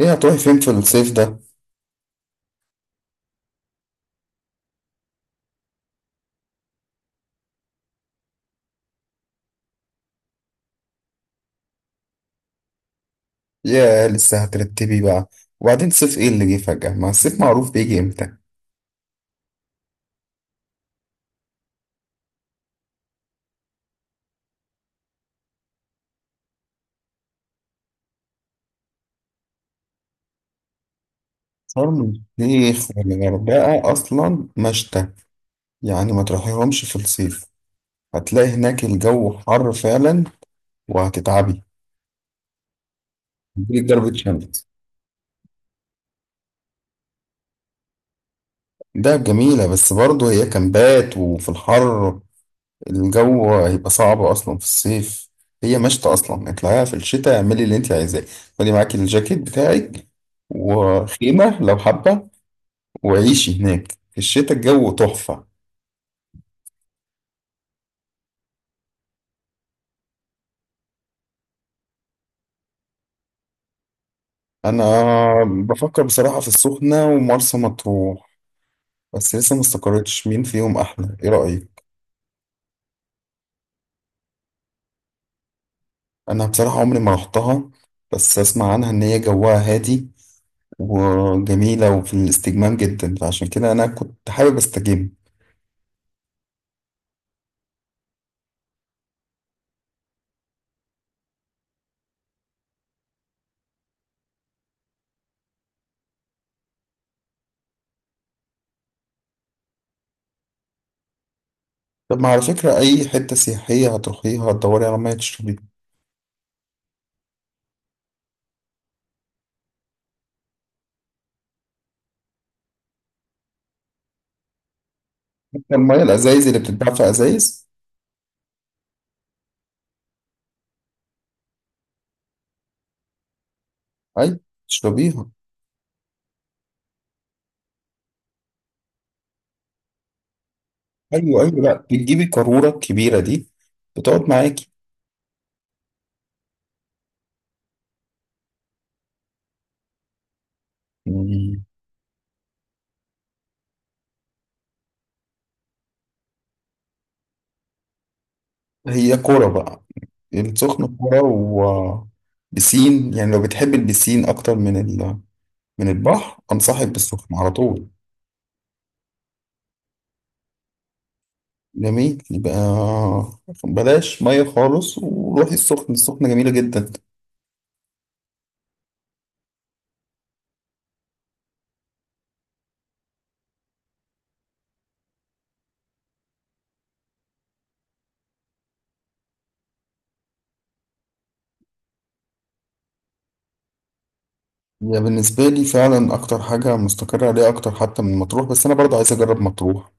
ايه هتروحي فين في الصيف ده؟ يا لسه هترتبي بقى. وبعدين صيف ايه اللي جه فجأة؟ ما الصيف معروف بيجي امتى. شرم الشيخ والغردقة اصلا مشتى، يعني ما تروحيهمش في الصيف، هتلاقي هناك الجو حر فعلا وهتتعبي. هتجيلك ضربة شمس. ده جميلة بس برضه هي كامبات وفي الحر الجو هيبقى صعب اصلا في الصيف. هي مشتى اصلا، اطلعيها في الشتاء، اعملي اللي انت عايزاه. خدي معاكي الجاكيت بتاعك وخيمة لو حابة، وعيشي هناك في الشتاء الجو تحفة. أنا بفكر بصراحة في السخنة ومرسى مطروح، بس لسه ما استقرتش مين فيهم أحلى. إيه رأيك؟ أنا بصراحة عمري ما رحتها، بس أسمع عنها إن هي جواها هادي وجميلة وفي الاستجمام جدا، فعشان كده أنا كنت حابب أستجم. طب ما على فكرة أي حتة سياحية هتروحيها هتدوري على مية تشربيها. حتى المية الأزايز اللي بتتباع في أزايز. أي، تشربيها. أيوه أيوه، لأ بتجيبي قارورة الكبيرة دي، بتقعد معاكي. هي كورة بقى، السخنة كورة و بسين، يعني لو بتحب البسين أكتر من ال... من البحر أنصحك بالسخنة على طول. جميل، يبقى بلاش مية خالص وروحي السخنة، السخنة جميلة جدا. هي بالنسبة لي فعلا أكتر حاجة مستقرة عليها، أكتر حتى من مطروح، بس أنا برضه عايز أجرب مطروح،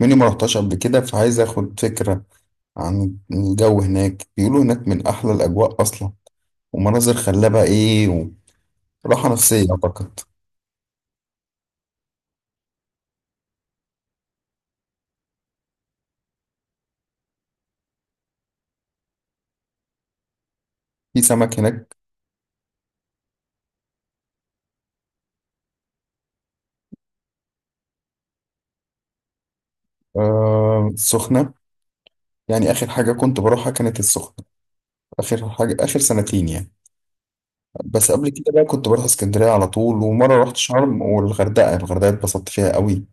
مني ما رحتش قبل كده، فعايز أخد فكرة عن الجو هناك. بيقولوا هناك من أحلى الأجواء أصلا، ومناظر خلابة إيه، وراحة نفسية أعتقد. في سمك هناك؟ آه، السخنة. يعني آخر حاجة كنت بروحها كانت السخنة، آخر حاجة آخر سنتين يعني. بس قبل كده بقى كنت بروح اسكندرية على طول، ومرة رحت شرم والغردقة، الغردقة اتبسطت فيها قوي.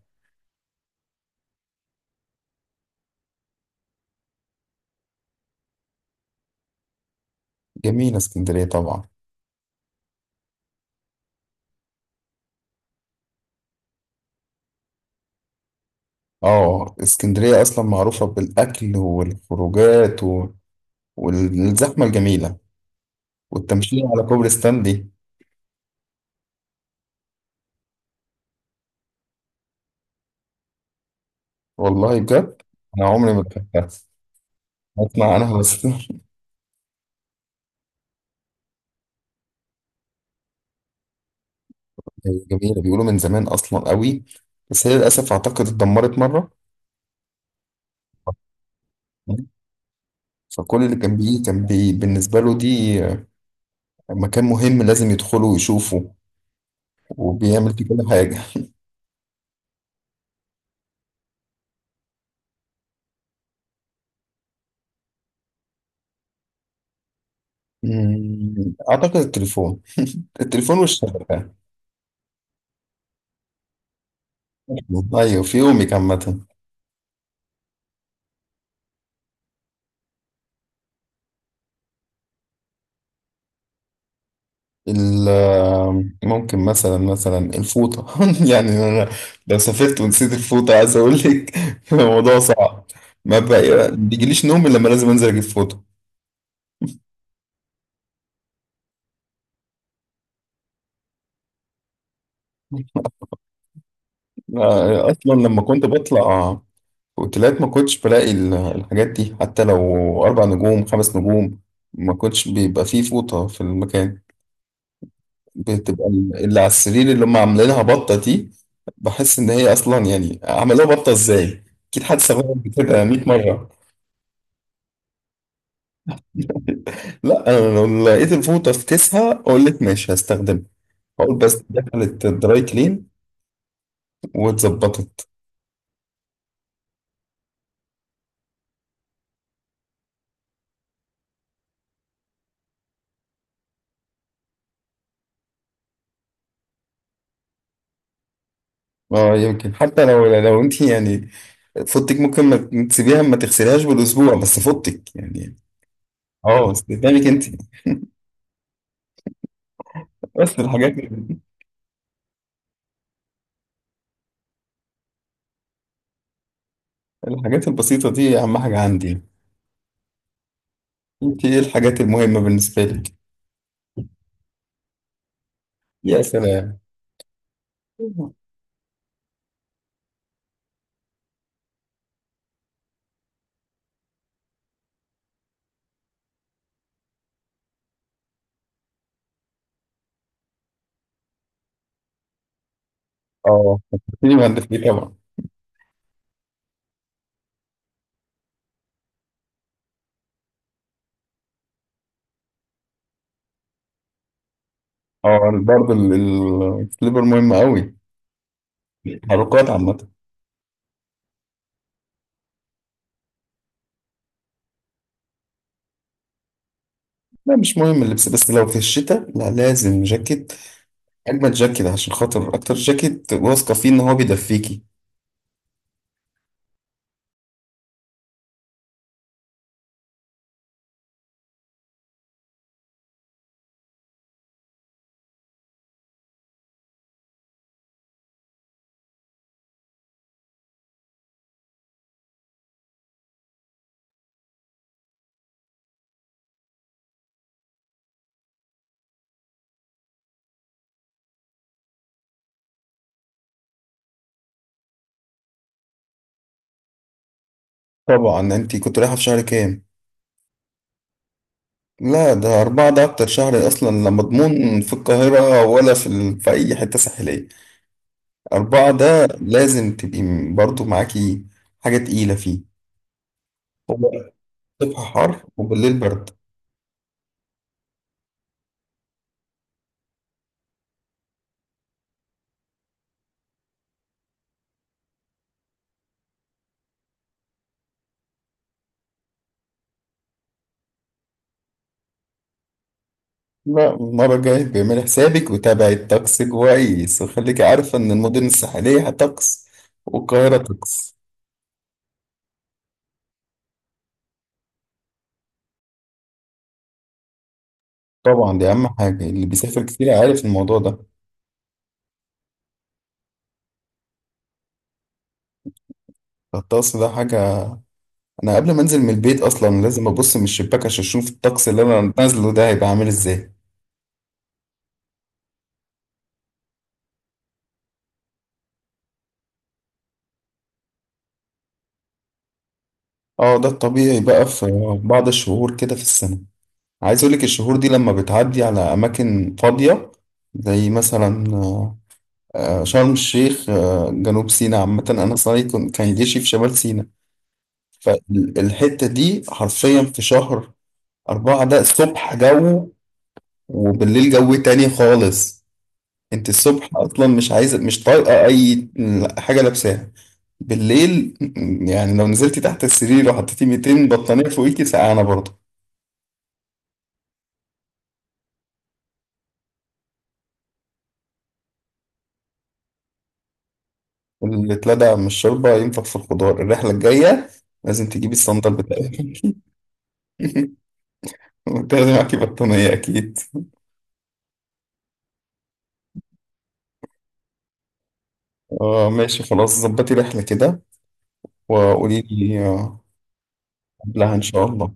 جميلة اسكندرية طبعا. اه اسكندرية أصلا معروفة بالأكل والخروجات و... والزحمة الجميلة والتمشية على كوبري ستانلي. والله بجد أنا عمري ما بحبها، أسمع أنا بس. هي جميلة بيقولوا من زمان أصلا قوي، بس هي للأسف أعتقد اتدمرت مرة. فكل اللي كان بيجي كان بي بالنسبة له دي مكان مهم لازم يدخله ويشوفه وبيعمل فيه كل حاجة. أعتقد التليفون، التليفون والشبكة. أيوة في يومي عامة. ممكن مثلا الفوطة. يعني أنا لو سافرت ونسيت الفوطة عايز أقول لك الموضوع صعب. ما بقى- بيجيليش نوم إلا لما لازم أنزل أجيب فوطة. آه، أصلا لما كنت بطلع اوتيلات ما كنتش بلاقي الحاجات دي، حتى لو اربع نجوم خمس نجوم ما كنتش بيبقى فيه فوطة في المكان، بتبقى اللي على السرير اللي هم عاملينها بطة دي. بحس ان هي اصلا يعني عملوها بطة ازاي؟ اكيد حد استخدمها قبل كده 100 مرة. لا انا لو لقيت الفوطة في كيسها اقول لك ماشي هستخدمها، اقول بس دخلت الدراي كلين واتظبطت. اه يمكن حتى لو انت يعني فوطك ممكن ما تسيبيها ما تغسليهاش بالاسبوع، بس فوطك يعني. اه استخدامك انت. بس الحاجات البسيطة دي أهم حاجة عندي. أنت إيه الحاجات المهمة بالنسبة لك؟ يا سلام. أه فكرتيني بهندسة، إيه طبعا. أه برضه السليبر مهم أوي. التحركات عامة. لا مش مهم اللبس، بس لو في الشتاء لا لازم جاكيت، أجمل جاكيت عشان خاطر أكتر جاكيت واثقة فيه إن هو بيدفيكي. طبعا. أنت كنت رايحة في شهر كام؟ لا ده أربعة، ده أكتر شهر أصلا لا مضمون في القاهرة ولا في, ال... في أي حتة ساحلية. أربعة ده لازم تبقي برضو معاكي حاجة تقيلة فيه. هو الصبح حر وبالليل برد. لا المرة الجاية بيعمل حسابك وتابعي الطقس كويس، وخليكي عارفة إن المدن الساحلية هتطقس والقاهرة طقس. طبعا دي أهم حاجة، اللي بيسافر كتير عارف الموضوع ده. الطقس ده حاجة، أنا قبل ما أنزل من البيت أصلا لازم أبص من الشباك عشان أشوف الطقس اللي أنا نازله ده هيبقى عامل إزاي. اه ده الطبيعي بقى في بعض الشهور كده في السنة. عايز اقولك الشهور دي لما بتعدي على اماكن فاضية، زي مثلا شرم الشيخ، جنوب سيناء عامة، انا صاري كان جيشي في شمال سيناء. فالحتة دي حرفيا في شهر أربعة، ده الصبح جو وبالليل جو تاني خالص. انت الصبح اصلا مش عايزة مش طايقة اي حاجة لابساها، بالليل يعني لو نزلتي تحت السرير وحطيتي 200 بطانية فوقيكي سقعانة برضه. اللي اتلدع من الشوربة ينفخ في الخضار، الرحلة الجاية لازم تجيبي الصندل بتاعك وتاخدي معاكي بطانية أكيد. اه ماشي خلاص، ظبطي رحلة كده وقولي لي، قبلها إن شاء الله.